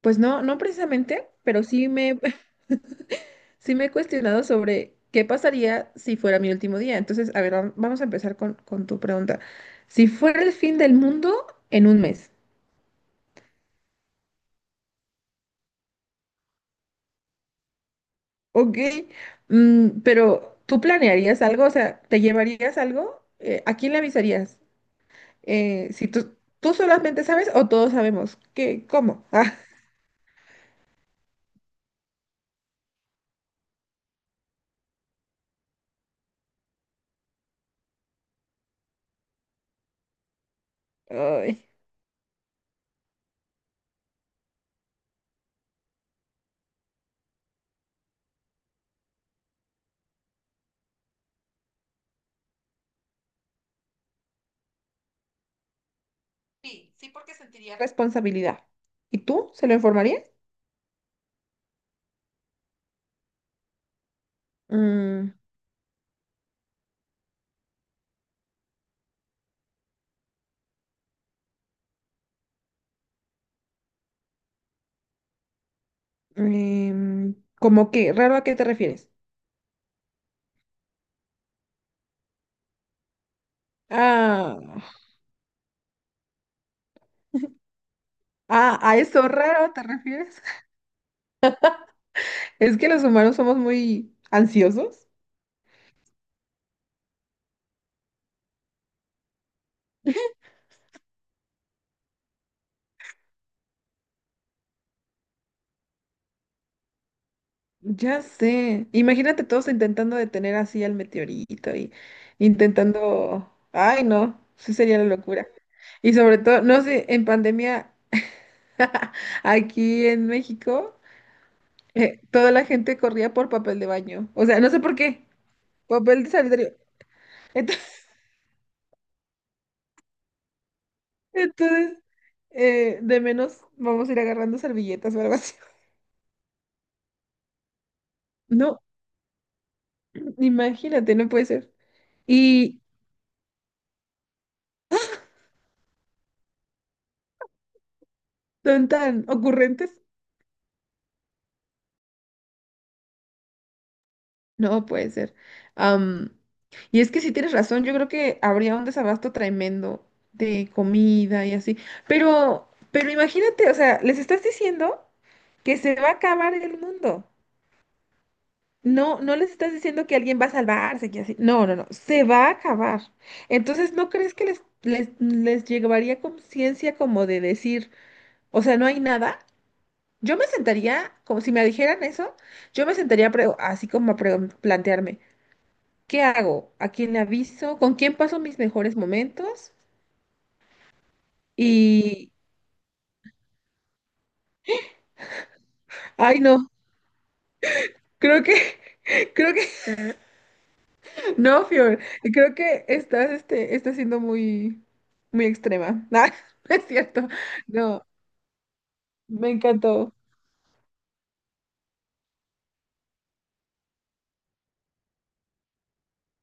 Pues no, no precisamente, pero sí me he cuestionado sobre qué pasaría si fuera mi último día. Entonces, a ver, vamos a empezar con tu pregunta. Si fuera el fin del mundo en un mes, ¿ok? Pero ¿tú planearías algo? O sea, ¿te llevarías algo? ¿A quién le avisarías? Si tú, tú solamente sabes o todos sabemos, ¿cómo? Ah, ay. Sí, sí, porque sentiría responsabilidad. ¿Y tú se lo informarías? Mm. ¿Cómo qué? ¿Raro a qué te refieres? Ah, ah, ¿a eso raro te refieres? Es que los humanos somos muy ansiosos. Ya sé. Imagínate todos intentando detener así al meteorito y intentando... Ay, no, sí sería la locura. Y sobre todo, no sé, en pandemia, aquí en México, toda la gente corría por papel de baño. O sea, no sé por qué. Papel de sanitario. Entonces, Entonces, de menos vamos a ir agarrando servilletas o algo así. No, imagínate, no puede ser. Y son tan ocurrentes. No puede ser. Am, y es que sí tienes razón, yo creo que habría un desabasto tremendo de comida y así. Pero imagínate, o sea, les estás diciendo que se va a acabar el mundo. No, no les estás diciendo que alguien va a salvarse, que así. No, no, no. Se va a acabar. Entonces, ¿no crees que les llevaría conciencia como de decir, o sea, no hay nada? Yo me sentaría, como si me dijeran eso, yo me sentaría a así como a plantearme, ¿qué hago? ¿A quién le aviso? ¿Con quién paso mis mejores momentos? Y, ay, no, creo que, creo que, no, Fior, creo que estás, este, estás siendo muy extrema. No, no es cierto. No. Me encantó.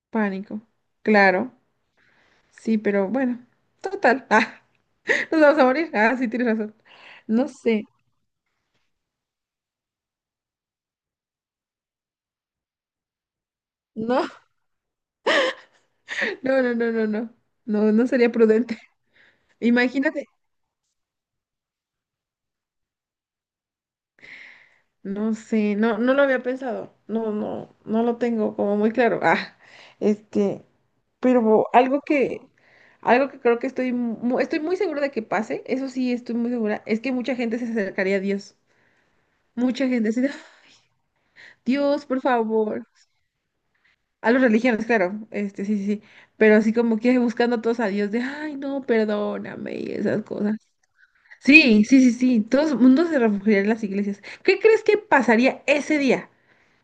Pánico. Claro. Sí, pero bueno. Total. Ah, nos vamos a morir. Ah, sí, tienes razón. No sé. No, no, no, no, no, no. No, no sería prudente. Imagínate. No sé. No, no lo había pensado. No, no, no lo tengo como muy claro. Ah, este. Pero algo que, algo que creo que estoy, estoy muy segura de que pase. Eso sí, estoy muy segura. Es que mucha gente se acercaría a Dios. Mucha gente así de, Dios, por favor. A las religiones, claro, este, sí, sí, sí, pero así como que buscando a todos a Dios de, ay, no, perdóname y esas cosas. Sí, sí, sí, sí, todo el mundo se refugiaría en las iglesias. ¿Qué crees que pasaría ese día?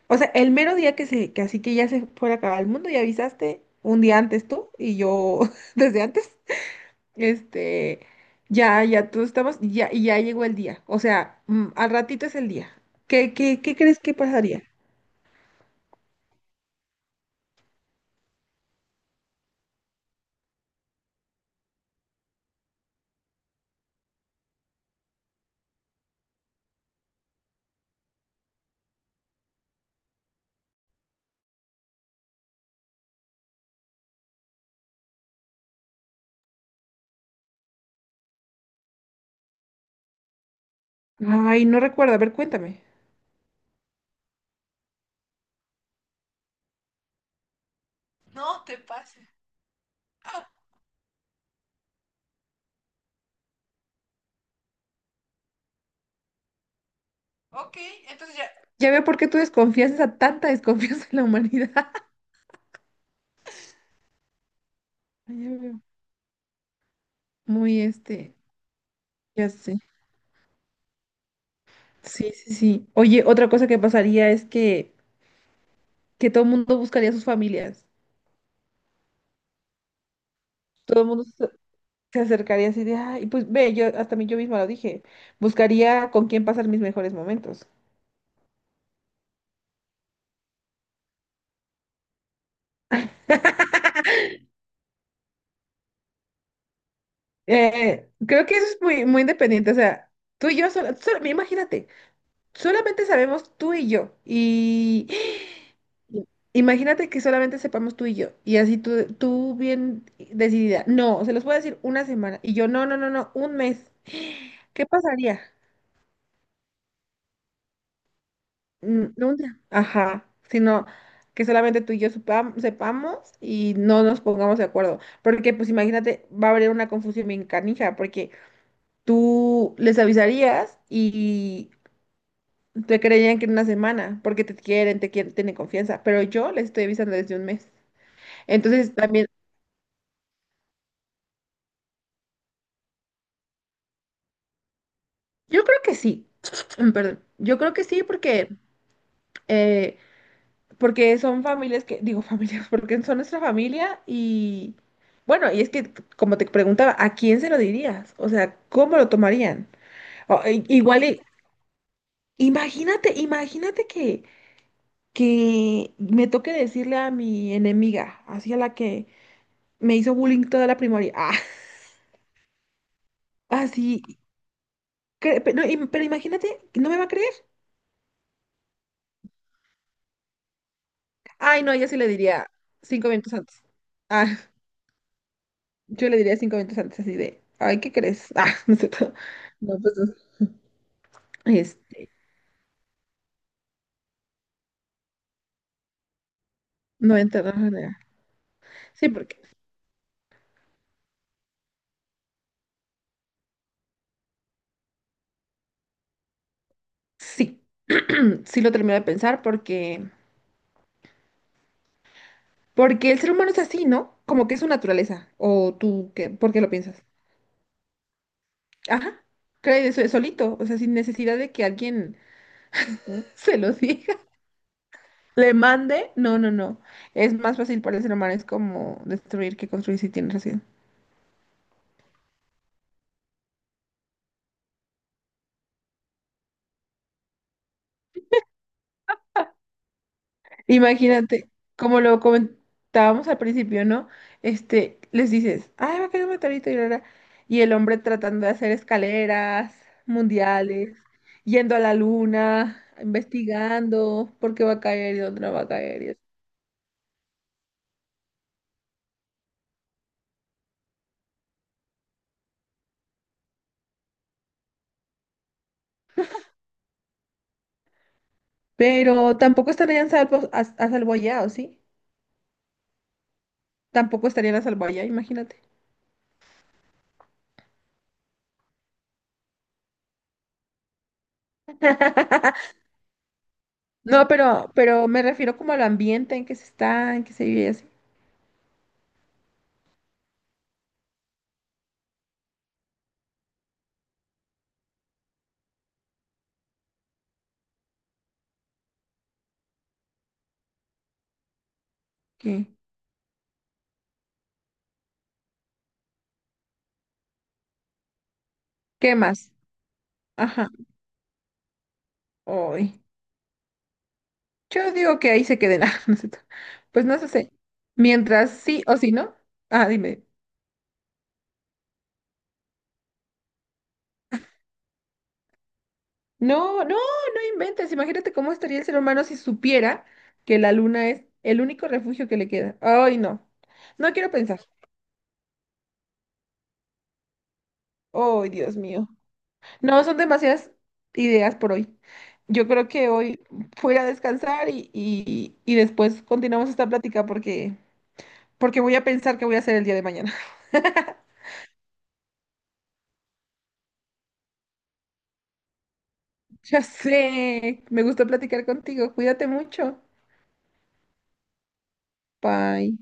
O sea, el mero día que así que ya se fuera a acabar el mundo, ya avisaste un día antes tú y yo desde antes, este, ya, ya todos estamos, ya, y ya llegó el día, o sea, mm, al ratito es el día. ¿Qué, qué crees que pasaría? Ay, no recuerdo, a ver, cuéntame. No te pases. Ok, entonces ya. Ya veo por qué tú desconfías, esa tanta desconfianza en la humanidad. Ya veo. Muy este, ya sé. Sí, sí, sí. Oye, otra cosa que pasaría es que todo el mundo buscaría a sus familias. Todo el mundo se se acercaría así de, ay, pues ve, yo hasta mí yo misma lo dije. Buscaría con quién pasar mis mejores momentos. Creo que eso es muy independiente. O sea, tú y yo imagínate. Solamente sabemos tú y yo. Y imagínate que solamente sepamos tú y yo. Tú bien decidida. No, se los puedo decir una semana. Y yo, no, no, no, no, un mes. ¿Qué pasaría? Mm, no un día. Ajá. Sino que solamente tú y yo sepamos y no nos pongamos de acuerdo. Porque, pues imagínate, va a haber una confusión bien canija, porque tú les avisarías. Te creían que en una semana, porque te quieren, tienen confianza, pero yo les estoy avisando desde un mes. Entonces también, yo creo que sí, mm, perdón, yo creo que sí porque, eh, porque son familias que, digo familias, porque son nuestra familia y bueno, y es que como te preguntaba, ¿a quién se lo dirías? O sea, ¿cómo lo tomarían? O, i- igual, y- imagínate, que me toque decirle a mi enemiga, así a la que me hizo bullying toda la primaria, ah, así. Pero imagínate, ¿no me va a creer? Ay, no, yo sí le diría cinco minutos antes. Ah, yo le diría cinco minutos antes, así de, ay, ¿qué crees? Ah, no es cierto. No, pues, es- no entra de manera. Sí, porque, sí, sí lo termino de pensar porque, porque el ser humano es así, ¿no? Como que es su naturaleza, o tú, ¿qué? ¿Por qué lo piensas? Ajá, cree de solito, o sea, sin necesidad de que alguien se lo diga. Le mande, no, no, no. Es más fácil para el ser humano, es como destruir que construir, si tienes razón. Imagínate, como lo comentábamos al principio, ¿no? Este, les dices, ay, va a quedar un meteorito y la". Y el hombre tratando de hacer escaleras mundiales, yendo a la luna, investigando por qué va a caer y dónde no va a caer. Y eso. Pero tampoco estarían a salvo allá, ¿o sí? Tampoco estarían a salvo allá, imagínate. No, pero me refiero como al ambiente en que se está, en que se vive y así. ¿Qué, qué más? Ajá. Hoy. Yo digo que ahí se queden. Ah, no sé. Pues no sé. Mientras sí o sí no. Ah, dime. No, no, no inventes. Imagínate cómo estaría el ser humano si supiera que la luna es el único refugio que le queda. Ay, no. No quiero pensar. Ay, Dios mío. No, son demasiadas ideas por hoy. Yo creo que hoy voy a descansar y después continuamos esta plática porque, porque voy a pensar qué voy a hacer el día de mañana. Ya sé, me gustó platicar contigo. Cuídate mucho. Bye.